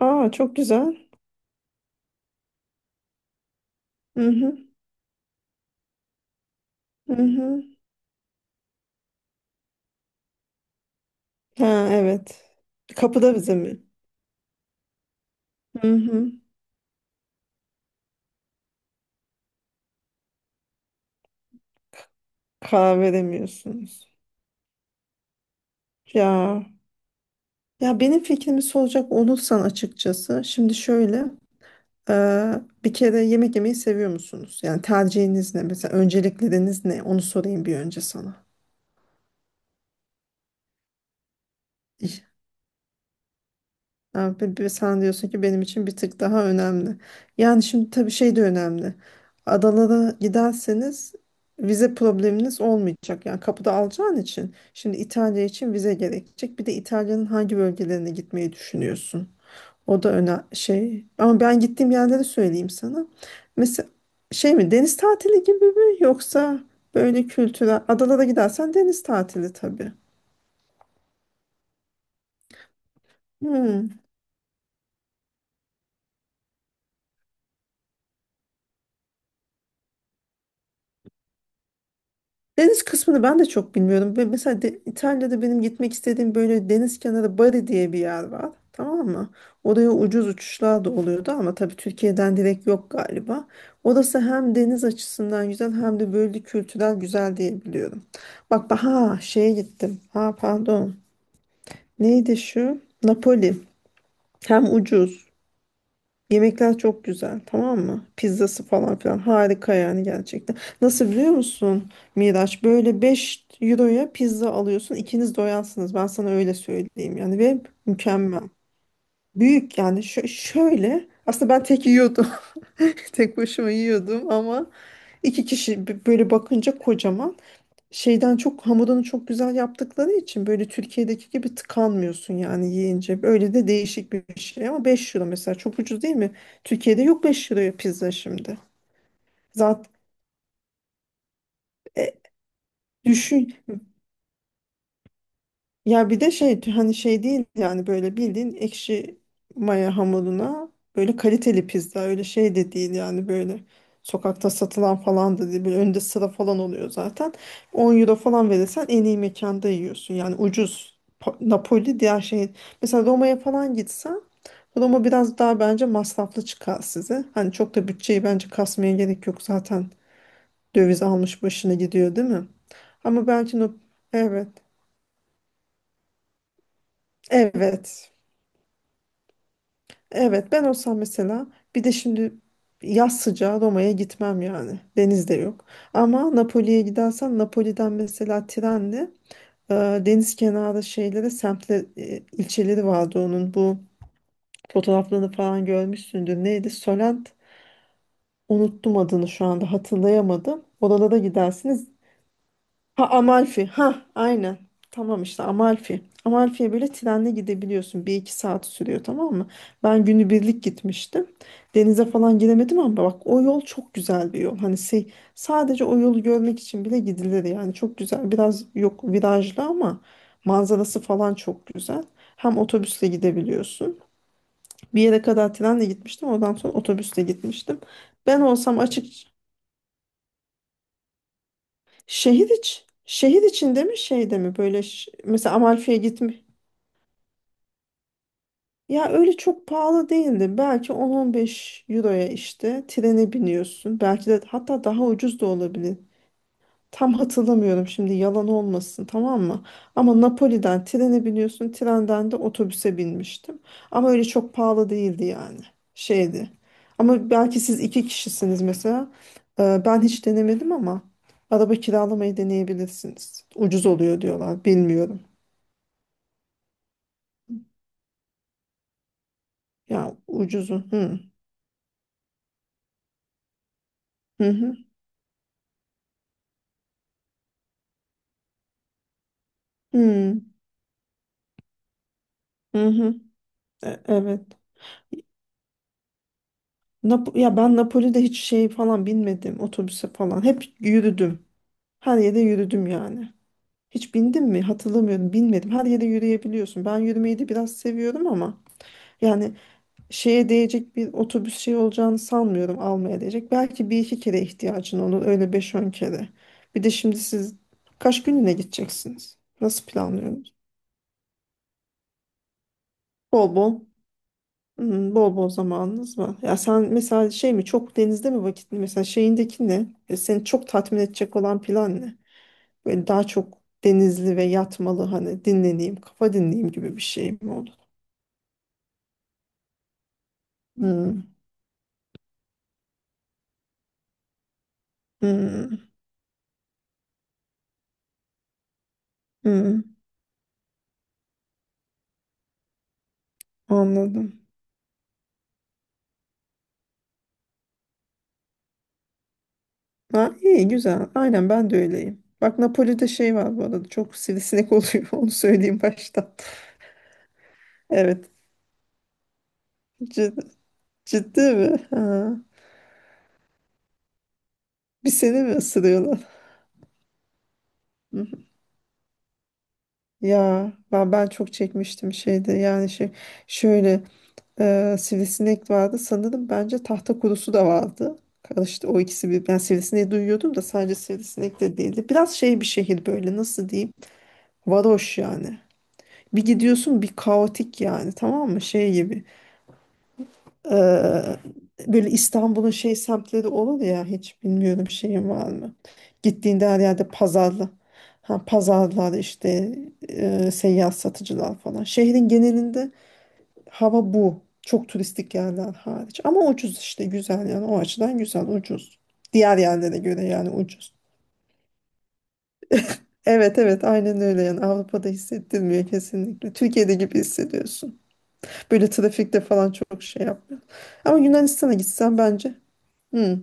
Aa çok güzel. Hı hı. Hı hı. Ha evet. Kapıda bize mi? Hı hı. Karar veremiyorsunuz. Ya ya benim fikrimi soracak olursan, açıkçası, şimdi şöyle e, bir kere, yemek yemeyi seviyor musunuz? Yani tercihiniz ne? Mesela öncelikleriniz ne? Onu sorayım bir önce sana. Ha, sen diyorsun ki benim için bir tık daha önemli. Yani şimdi tabii şey de önemli. Adana'da giderseniz vize probleminiz olmayacak. Yani kapıda alacağın için. Şimdi İtalya için vize gerekecek. Bir de İtalya'nın hangi bölgelerine gitmeyi düşünüyorsun? O da öne şey. Ama ben gittiğim yerleri söyleyeyim sana. Mesela şey mi, deniz tatili gibi mi, yoksa böyle kültürel? Adalara gidersen deniz tatili tabii. Hmm. Deniz kısmını ben de çok bilmiyorum. Ve mesela İtalya'da benim gitmek istediğim böyle deniz kenarı, Bari diye bir yer var. Tamam mı? Oraya ucuz uçuşlar da oluyordu ama tabii Türkiye'den direkt yok galiba. Orası hem deniz açısından güzel hem de böyle kültürel güzel diye biliyorum. Bak ha şeye gittim. Ha, pardon. Neydi şu? Napoli. Hem ucuz. Yemekler çok güzel, tamam mı? Pizzası falan filan harika yani, gerçekten. Nasıl, biliyor musun Miraç? Böyle 5 euroya pizza alıyorsun. İkiniz doyarsınız. Ben sana öyle söyleyeyim yani, ve mükemmel. Büyük yani. Şöyle aslında ben tek yiyordum. Tek başıma yiyordum ama iki kişi böyle bakınca kocaman, şeyden çok hamurunu çok güzel yaptıkları için böyle Türkiye'deki gibi tıkanmıyorsun yani yiyince. Böyle de değişik bir şey, ama 5 euro mesela çok ucuz değil mi? Türkiye'de yok 5 euroya pizza şimdi. Zaten e, düşün. Ya bir de şey, hani şey değil yani, böyle bildiğin ekşi maya hamuruna böyle kaliteli pizza, öyle şey de değil yani, böyle sokakta satılan falan da değil, böyle önde sıra falan oluyor zaten. 10 euro falan verirsen en iyi mekanda yiyorsun yani, ucuz. Napoli diğer şey, mesela Roma'ya falan gitsen, Roma biraz daha bence masraflı çıkar size, hani çok da bütçeyi bence kasmaya gerek yok zaten, döviz almış başına gidiyor, değil mi? ama belki Nap- evet, evet. Evet, ben olsam mesela, bir de şimdi yaz sıcağı Roma'ya gitmem yani. Deniz de yok. Ama Napoli'ye gidersem Napoli'den mesela trenle e, deniz kenarı şeylere, semtle ilçeleri vardı onun. Bu fotoğraflarını falan görmüşsündür. Neydi? Solent, unuttum adını, şu anda hatırlayamadım. Oralara gidersiniz. Ha, Amalfi. Ha, aynen. Tamam işte, Amalfi. Amalfi'ye böyle trenle gidebiliyorsun. Bir iki saat sürüyor, tamam mı? Ben günübirlik gitmiştim. Denize falan giremedim ama bak, o yol çok güzel bir yol. Hani şey, sadece o yolu görmek için bile gidilir yani. Çok güzel. Biraz yok, virajlı ama manzarası falan çok güzel. Hem otobüsle gidebiliyorsun. Bir yere kadar trenle gitmiştim. Oradan sonra otobüsle gitmiştim. Ben olsam açık. Şehir içinde mi şeyde mi, böyle mesela Amalfi'ye gitme. Ya, öyle çok pahalı değildi. Belki 10-15 euroya işte trene biniyorsun. Belki de hatta daha ucuz da olabilir. Tam hatırlamıyorum şimdi, yalan olmasın, tamam mı? Ama Napoli'den trene biniyorsun, trenden de otobüse binmiştim. Ama öyle çok pahalı değildi yani. Şeydi. Ama belki siz iki kişisiniz mesela. Ben hiç denemedim ama araba kiralamayı deneyebilirsiniz. Ucuz oluyor diyorlar. Bilmiyorum. Ya, ucuzu. Hı hı, hı hı. Hı hı. Evet. Ya, ben Napoli'de hiç şey falan binmedim otobüse falan. Hep yürüdüm. Her yere yürüdüm yani. Hiç bindim mi? Hatırlamıyorum. Binmedim. Her yere yürüyebiliyorsun. Ben yürümeyi de biraz seviyorum ama yani şeye değecek bir otobüs şey olacağını sanmıyorum, almaya değecek. Belki bir iki kere ihtiyacın olur. Öyle beş on kere. Bir de şimdi siz kaç günlüğüne gideceksiniz? Nasıl planlıyorsunuz? Bol bol. Hmm, bol bol zamanınız var. Ya sen mesela şey mi, çok denizde mi vakit, mesela şeyindeki ne? Seni çok tatmin edecek olan plan ne? Böyle daha çok denizli ve yatmalı, hani dinleneyim, kafa dinleyeyim gibi bir şey mi? Hmm. Hmm. Hmm. Anladım. Ha, iyi güzel. Aynen, ben de öyleyim. Bak, Napoli'de şey var bu arada. Çok sivrisinek oluyor. Onu söyleyeyim baştan. Evet. Ciddi, ciddi mi? Ha. Bir seni mi ısırıyorlar? Hı hı. Ya, ben çok çekmiştim şeyde. Yani şey şöyle sivrisinek vardı. Sanırım, bence tahta kurusu da vardı. Karıştı o ikisi bir. Ben sivrisineği duyuyordum da sadece sivrisinek de değildi. Biraz şey bir şehir, böyle nasıl diyeyim? Varoş yani. Bir gidiyorsun, bir kaotik yani, tamam mı, şey gibi. Ee, böyle İstanbul'un şey semtleri olur ya, hiç bilmiyorum şeyin var mı gittiğinde, her yerde pazarlı. Ha, pazarlar işte, seyyar satıcılar falan şehrin genelinde hava bu, çok turistik yerler hariç ama ucuz işte, güzel yani o açıdan, güzel ucuz diğer yerlere göre yani, ucuz. Evet, evet, aynen öyle yani. Avrupa'da hissettirmiyor kesinlikle, Türkiye'de gibi hissediyorsun. Böyle trafikte falan çok şey yapmıyor. Ama Yunanistan'a gitsen bence. Hı.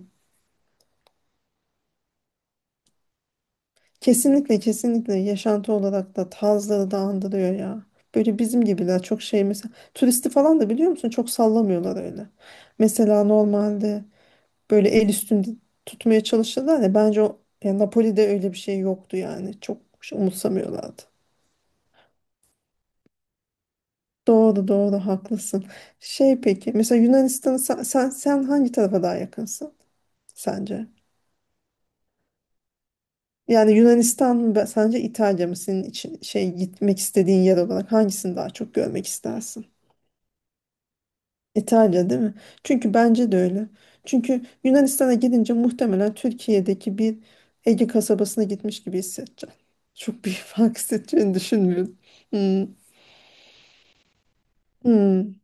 Kesinlikle kesinlikle, yaşantı olarak da tarzları da andırıyor ya. Böyle bizim gibiler çok şey mesela. Turisti falan da biliyor musun, çok sallamıyorlar öyle. Mesela normalde böyle el üstünde tutmaya çalışırlar ya, bence o ya Napoli'de öyle bir şey yoktu yani. Çok şey umursamıyorlardı. Doğru doğru, haklısın. Şey, peki mesela Yunanistan'ı, sen hangi tarafa daha yakınsın sence? Yani Yunanistan mı sence İtalya mı senin için şey gitmek istediğin yer olarak, hangisini daha çok görmek istersin? İtalya değil mi? Çünkü bence de öyle. Çünkü Yunanistan'a gidince muhtemelen Türkiye'deki bir Ege kasabasına gitmiş gibi hissedeceğim. Çok büyük fark hissedeceğini düşünmüyorum. Hmm. Hmm.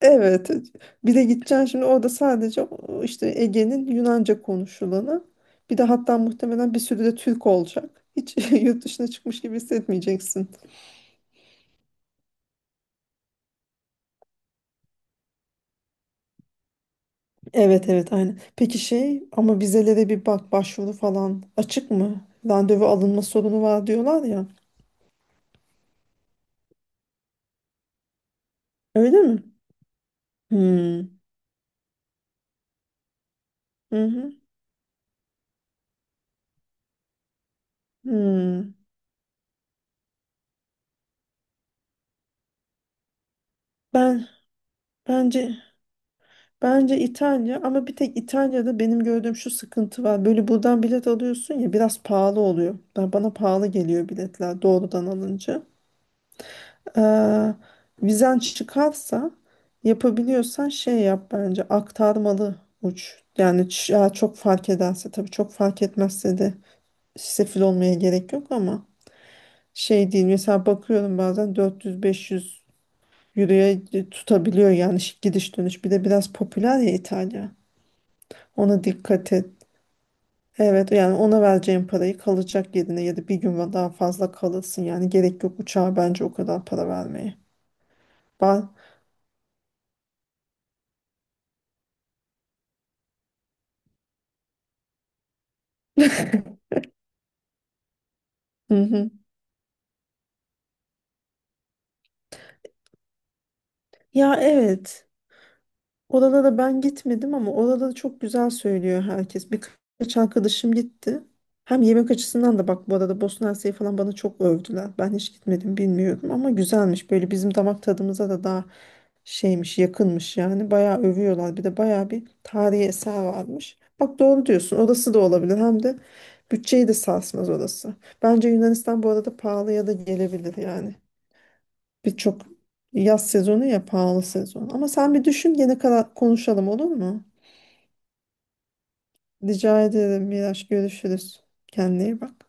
Evet. Bir de gideceksin şimdi, orada sadece o işte Ege'nin Yunanca konuşulanı. Bir de hatta muhtemelen bir sürü de Türk olacak. Hiç yurt dışına çıkmış gibi hissetmeyeceksin. Evet, evet, aynen. Peki şey, ama vizelere bir bak, başvuru falan açık mı? Randevu alınma sorunu var diyorlar ya. Öyle mi? Hmm. Hı hı. Hmm. Ben bence bence İtalya, ama bir tek İtalya'da benim gördüğüm şu sıkıntı var. Böyle buradan bilet alıyorsun ya, biraz pahalı oluyor. Ben bana pahalı geliyor biletler doğrudan alınca. Eee, vizen çıkarsa, yapabiliyorsan şey yap bence, aktarmalı uç. Yani ya çok fark ederse tabii, çok fark etmezse de sefil olmaya gerek yok ama, şey değil, mesela bakıyorum bazen 400-500 euroya tutabiliyor yani, gidiş dönüş, bir de biraz popüler ya İtalya, ona dikkat et. Evet, yani ona vereceğin parayı kalacak yerine, ya da bir gün daha fazla kalırsın yani, gerek yok uçağa bence o kadar para vermeye. Ben... Hı hı. Ya, evet. Orada da ben gitmedim, ama orada da çok güzel söylüyor herkes. Birkaç arkadaşım gitti. Hem yemek açısından da bak bu arada, Bosna Hersek'i falan bana çok övdüler. Ben hiç gitmedim, bilmiyorum ama güzelmiş. Böyle bizim damak tadımıza da daha şeymiş, yakınmış yani. Bayağı övüyorlar. Bir de bayağı bir tarihi eser varmış. Bak, doğru diyorsun. Orası da olabilir. Hem de bütçeyi de sarsmaz orası. Bence Yunanistan bu arada pahalıya da gelebilir yani. Birçok yaz sezonu ya pahalı sezon. Ama sen bir düşün, gene kadar konuşalım, olur mu? Rica ederim Miraç, görüşürüz. Kendine iyi bak.